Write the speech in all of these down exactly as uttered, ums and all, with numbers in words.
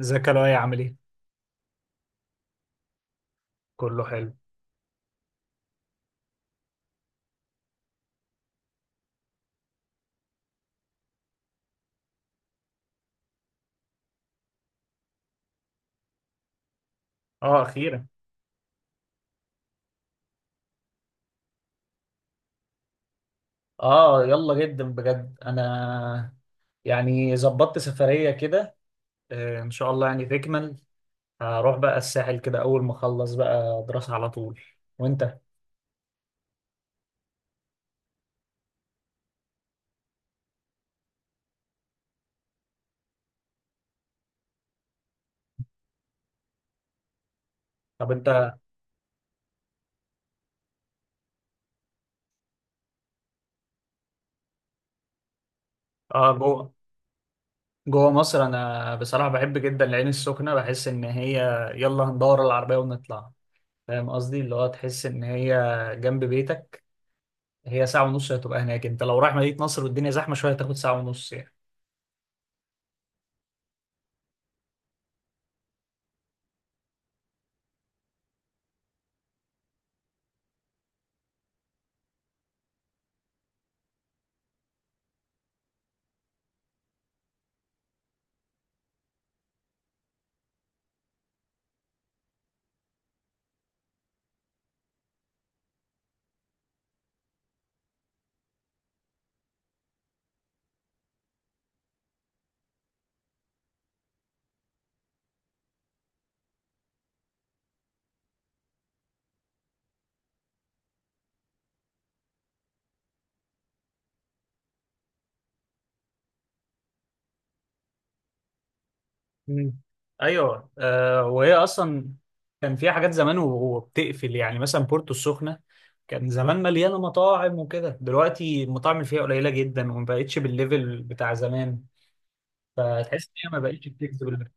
ازيك يا لؤي؟ عامل ايه؟ كله حلو. اه، اخيرا. اه يلا، جدا بجد انا، يعني ظبطت سفرية كده. آه، ان شاء الله، يعني تكمل. هروح بقى الساحل كده اول ما اخلص بقى دراسة على طول. وانت؟ طب انت. اه، جوه. جوه مصر انا بصراحة بحب جدا العين السخنة، بحس ان هي يلا هندور العربية ونطلع، فاهم قصدي اللي هو تحس ان هي جنب بيتك. هي ساعة ونص هتبقى هناك، انت لو رايح مدينة نصر والدنيا زحمة شوية هتاخد ساعة ونص يعني. مم. ايوه. آه وهي اصلا كان فيها حاجات زمان وهو بتقفل، يعني مثلا بورتو السخنه كان زمان مليانه مطاعم وكده، دلوقتي المطاعم اللي فيها قليله جدا وما بقتش بالليفل بتاع زمان. فتحس ان هي ما بقتش بتجذب ال-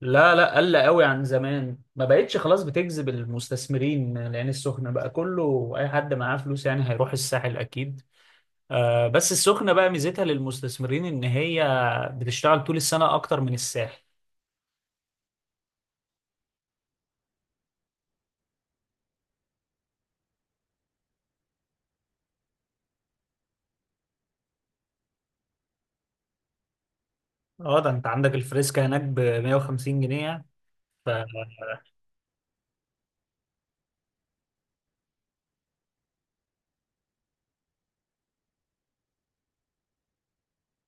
لا لا، قل قوي عن زمان، ما بقتش خلاص بتجذب المستثمرين. العين السخنه بقى كله، اي حد معاه فلوس يعني هيروح الساحل اكيد. آه بس السخنه بقى ميزتها للمستثمرين ان هي بتشتغل طول السنه اكتر من الساحل. اه، ده انت عندك الفريسكا هناك ب مية وخمسين جنيه يعني. ف...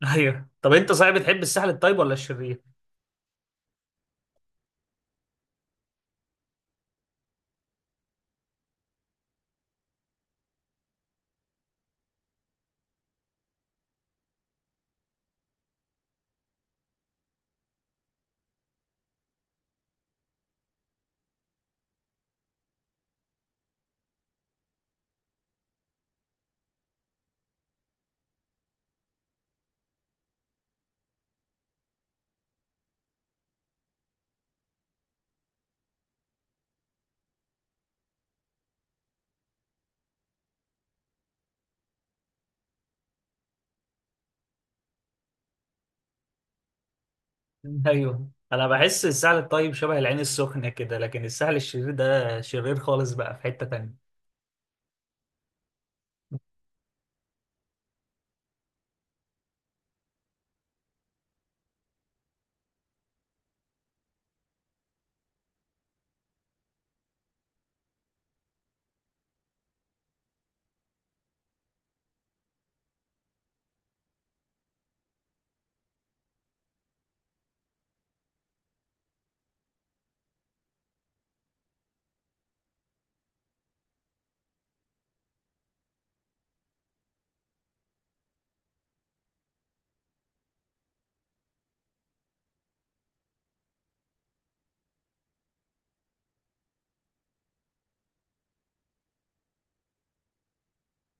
ايوه، طب انت صحيح بتحب الساحل الطيب ولا الشرير؟ ايوه، انا بحس الساحل الطيب شبه العين السخنة كده، لكن الساحل الشرير ده شرير خالص بقى، في حتة تانية.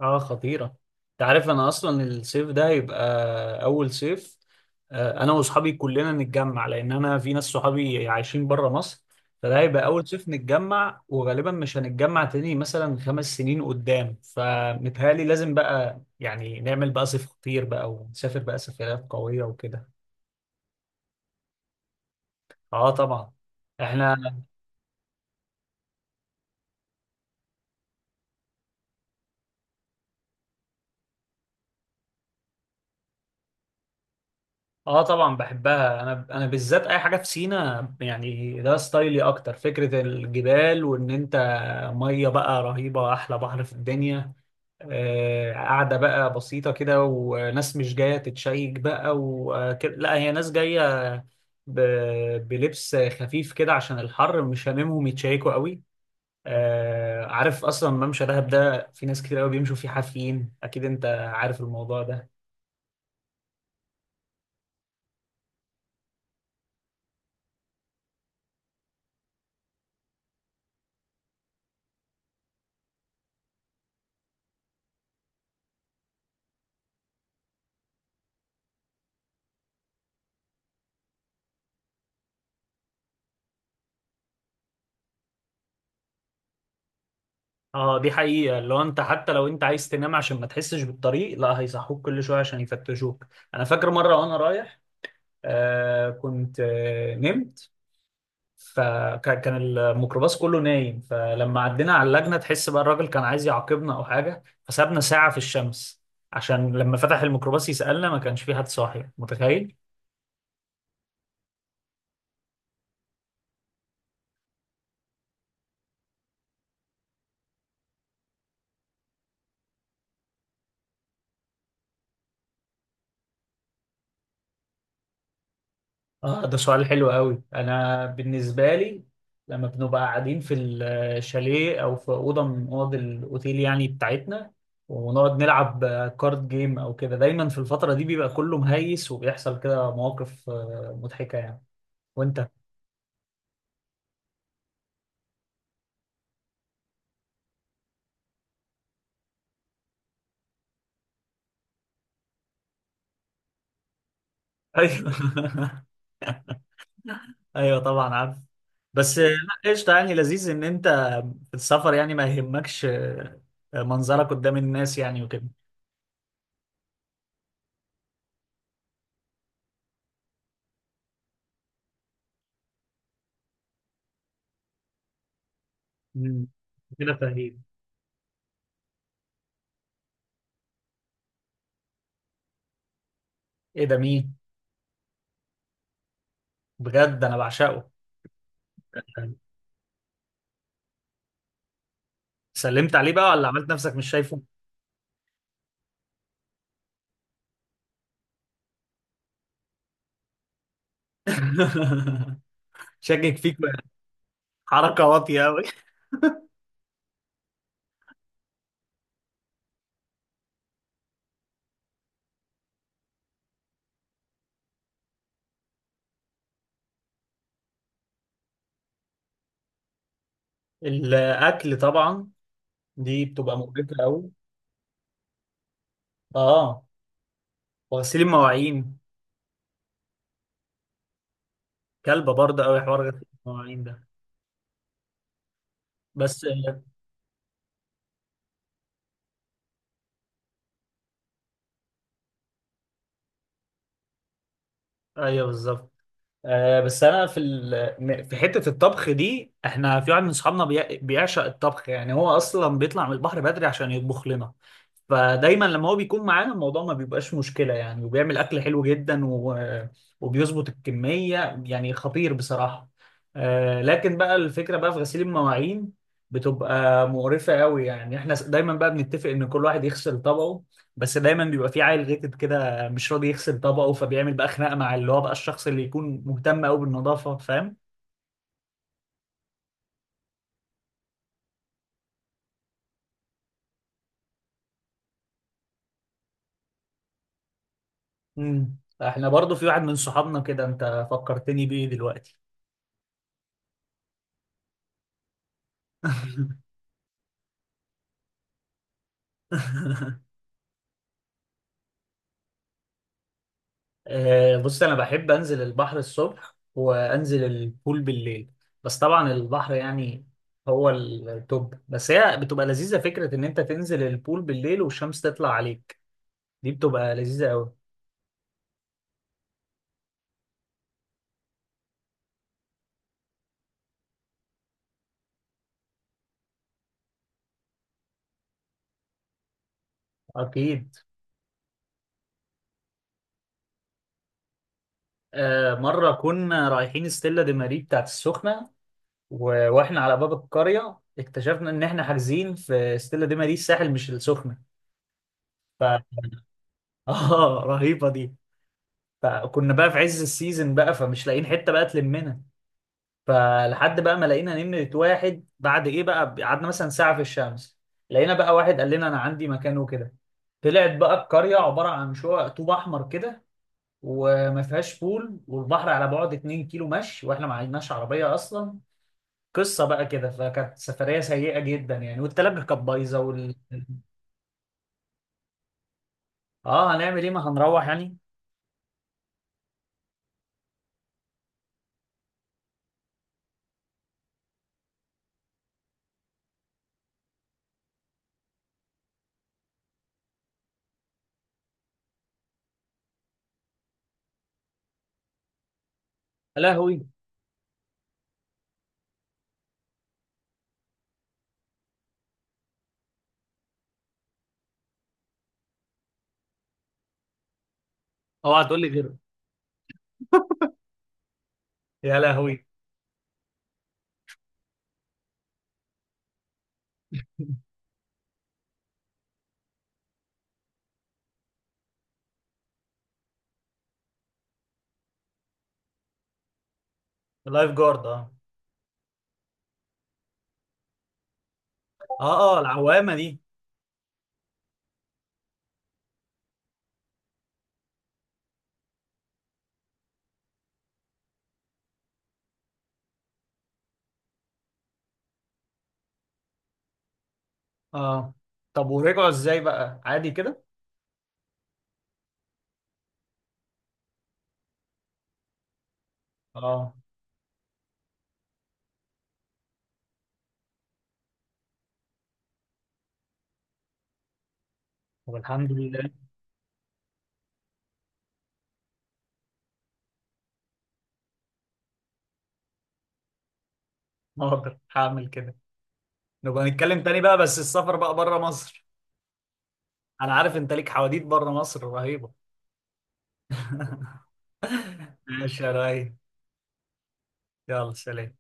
اه، خطيرة. انت عارف انا اصلا الصيف ده هيبقى اول صيف، آه، انا واصحابي كلنا نتجمع، لان انا في ناس صحابي عايشين بره مصر. فده هيبقى اول صيف نتجمع، وغالبا مش هنتجمع تاني مثلا خمس سنين قدام، فمتهيألي لازم بقى يعني نعمل بقى صيف خطير بقى ونسافر بقى سفريات قوية وكده. اه طبعا. احنا اه طبعا بحبها. انا، انا بالذات اي حاجه في سينا يعني، ده ستايلي اكتر، فكره الجبال وان انت ميه بقى رهيبه، احلى بحر في الدنيا. آه، قاعده بقى بسيطه كده، وناس مش جايه تتشيك بقى وكده، لا، هي ناس جايه ب... بلبس خفيف كده عشان الحر، مش هاممهم يتشيكوا قوي. آه، عارف اصلا ممشى دهب ده في ناس كتير قوي بيمشوا فيه حافيين، اكيد انت عارف الموضوع ده. اه، دي حقيقة، لو انت حتى لو انت عايز تنام عشان ما تحسش بالطريق لا هيصحوك كل شوية عشان يفتشوك. انا فاكر مرة وانا رايح آه كنت آه نمت، فكان الميكروباص كله نايم، فلما عدينا على اللجنة تحس بقى الراجل كان عايز يعاقبنا او حاجة، فسابنا ساعة في الشمس، عشان لما فتح الميكروباص يسألنا ما كانش في حد صاحي، متخيل. اه، ده سؤال حلو قوي. انا بالنسبه لي لما بنبقى قاعدين في الشاليه او في اوضه من اوض الاوتيل يعني بتاعتنا، ونقعد نلعب كارد جيم او كده، دايما في الفتره دي بيبقى كله مهيس، وبيحصل كده مواقف آه، مضحكه يعني. وانت؟ ايوه. ايوه طبعا، عارف. بس آه، لا، قشطه، يعني لذيذ ان انت في السفر يعني ما يهمكش آه، منظرك قدام الناس يعني، وكده. مم. كده فاهمين. ايه ده؟ مين؟ بجد، انا بعشقه. سلمت عليه بقى، ولا عملت نفسك مش شايفه؟ شاكك فيك بقى. حركة واطية أوي. الأكل طبعا، دي بتبقى مقرفة أوي. آه وغسيل المواعين، كلبة برضه أوي حوار غسيل المواعين ده. بس آه، أيوه بالظبط. آه بس انا في ال... م- في حته الطبخ دي، احنا في واحد من اصحابنا بي... بيعشق الطبخ، يعني هو اصلا بيطلع من البحر بدري عشان يطبخ لنا، فدايما لما هو بيكون معانا الموضوع ما بيبقاش مشكله يعني، وبيعمل اكل حلو جدا و... وبيظبط الكميه، يعني خطير بصراحه. آه لكن بقى الفكره بقى في غسيل المواعين بتبقى مقرفه قوي، يعني احنا دايما بقى بنتفق ان كل واحد يغسل طبقه، بس دايما بيبقى في عيل غيتد كده مش راضي يغسل طبقه، فبيعمل بقى خناقه مع اللي هو بقى الشخص اللي يكون مهتم قوي بالنظافه، فاهم. امم احنا برضو في واحد من صحابنا كده، انت فكرتني بيه دلوقتي. آه، بص، انا بحب انزل البحر الصبح وانزل البول بالليل، بس طبعا البحر يعني هو التوب، بس هي بتبقى لذيذه فكره ان انت تنزل البول بالليل والشمس تطلع عليك، دي بتبقى لذيذه قوي. اكيد. آه، مره كنا رايحين ستيلا دي ماري بتاعت السخنه، و- واحنا على باب القرية اكتشفنا ان احنا حاجزين في ستيلا دي ماريس الساحل مش السخنة. ف اه، رهيبة دي. فكنا بقى في عز السيزون بقى، فمش لاقيين حتة بقى تلمنا، فلحد بقى ما لقينا نمرة واحد بعد ايه بقى قعدنا مثلا ساعة في الشمس، لقينا بقى واحد قال لنا انا عندي مكان وكده. طلعت بقى القرية عبارة عن شقق طوب أحمر كده، وما فيهاش بول والبحر على بعد اتنين كيلو مشي، واحنا ما عندناش عربية أصلا. قصه بقى كده، فكانت سفريه سيئه جدا يعني، والتلاجه كانت بايظه وال... اه، هنعمل ايه، ما هنروح يعني. يا لهوي. اوعى تقول لي غيره. يا لهوي. اللايف جارد، اه. اه. اه، العوامه دي. اه. طب ورجعوا ازاي بقى عادي كده؟ اه. طب الحمد لله. هقدر هعمل كده. نبقى نتكلم تاني بقى، بس السفر بقى بره مصر. انا عارف انت ليك حواديت بره مصر رهيبه. ماشي يا راي، يلا سلام.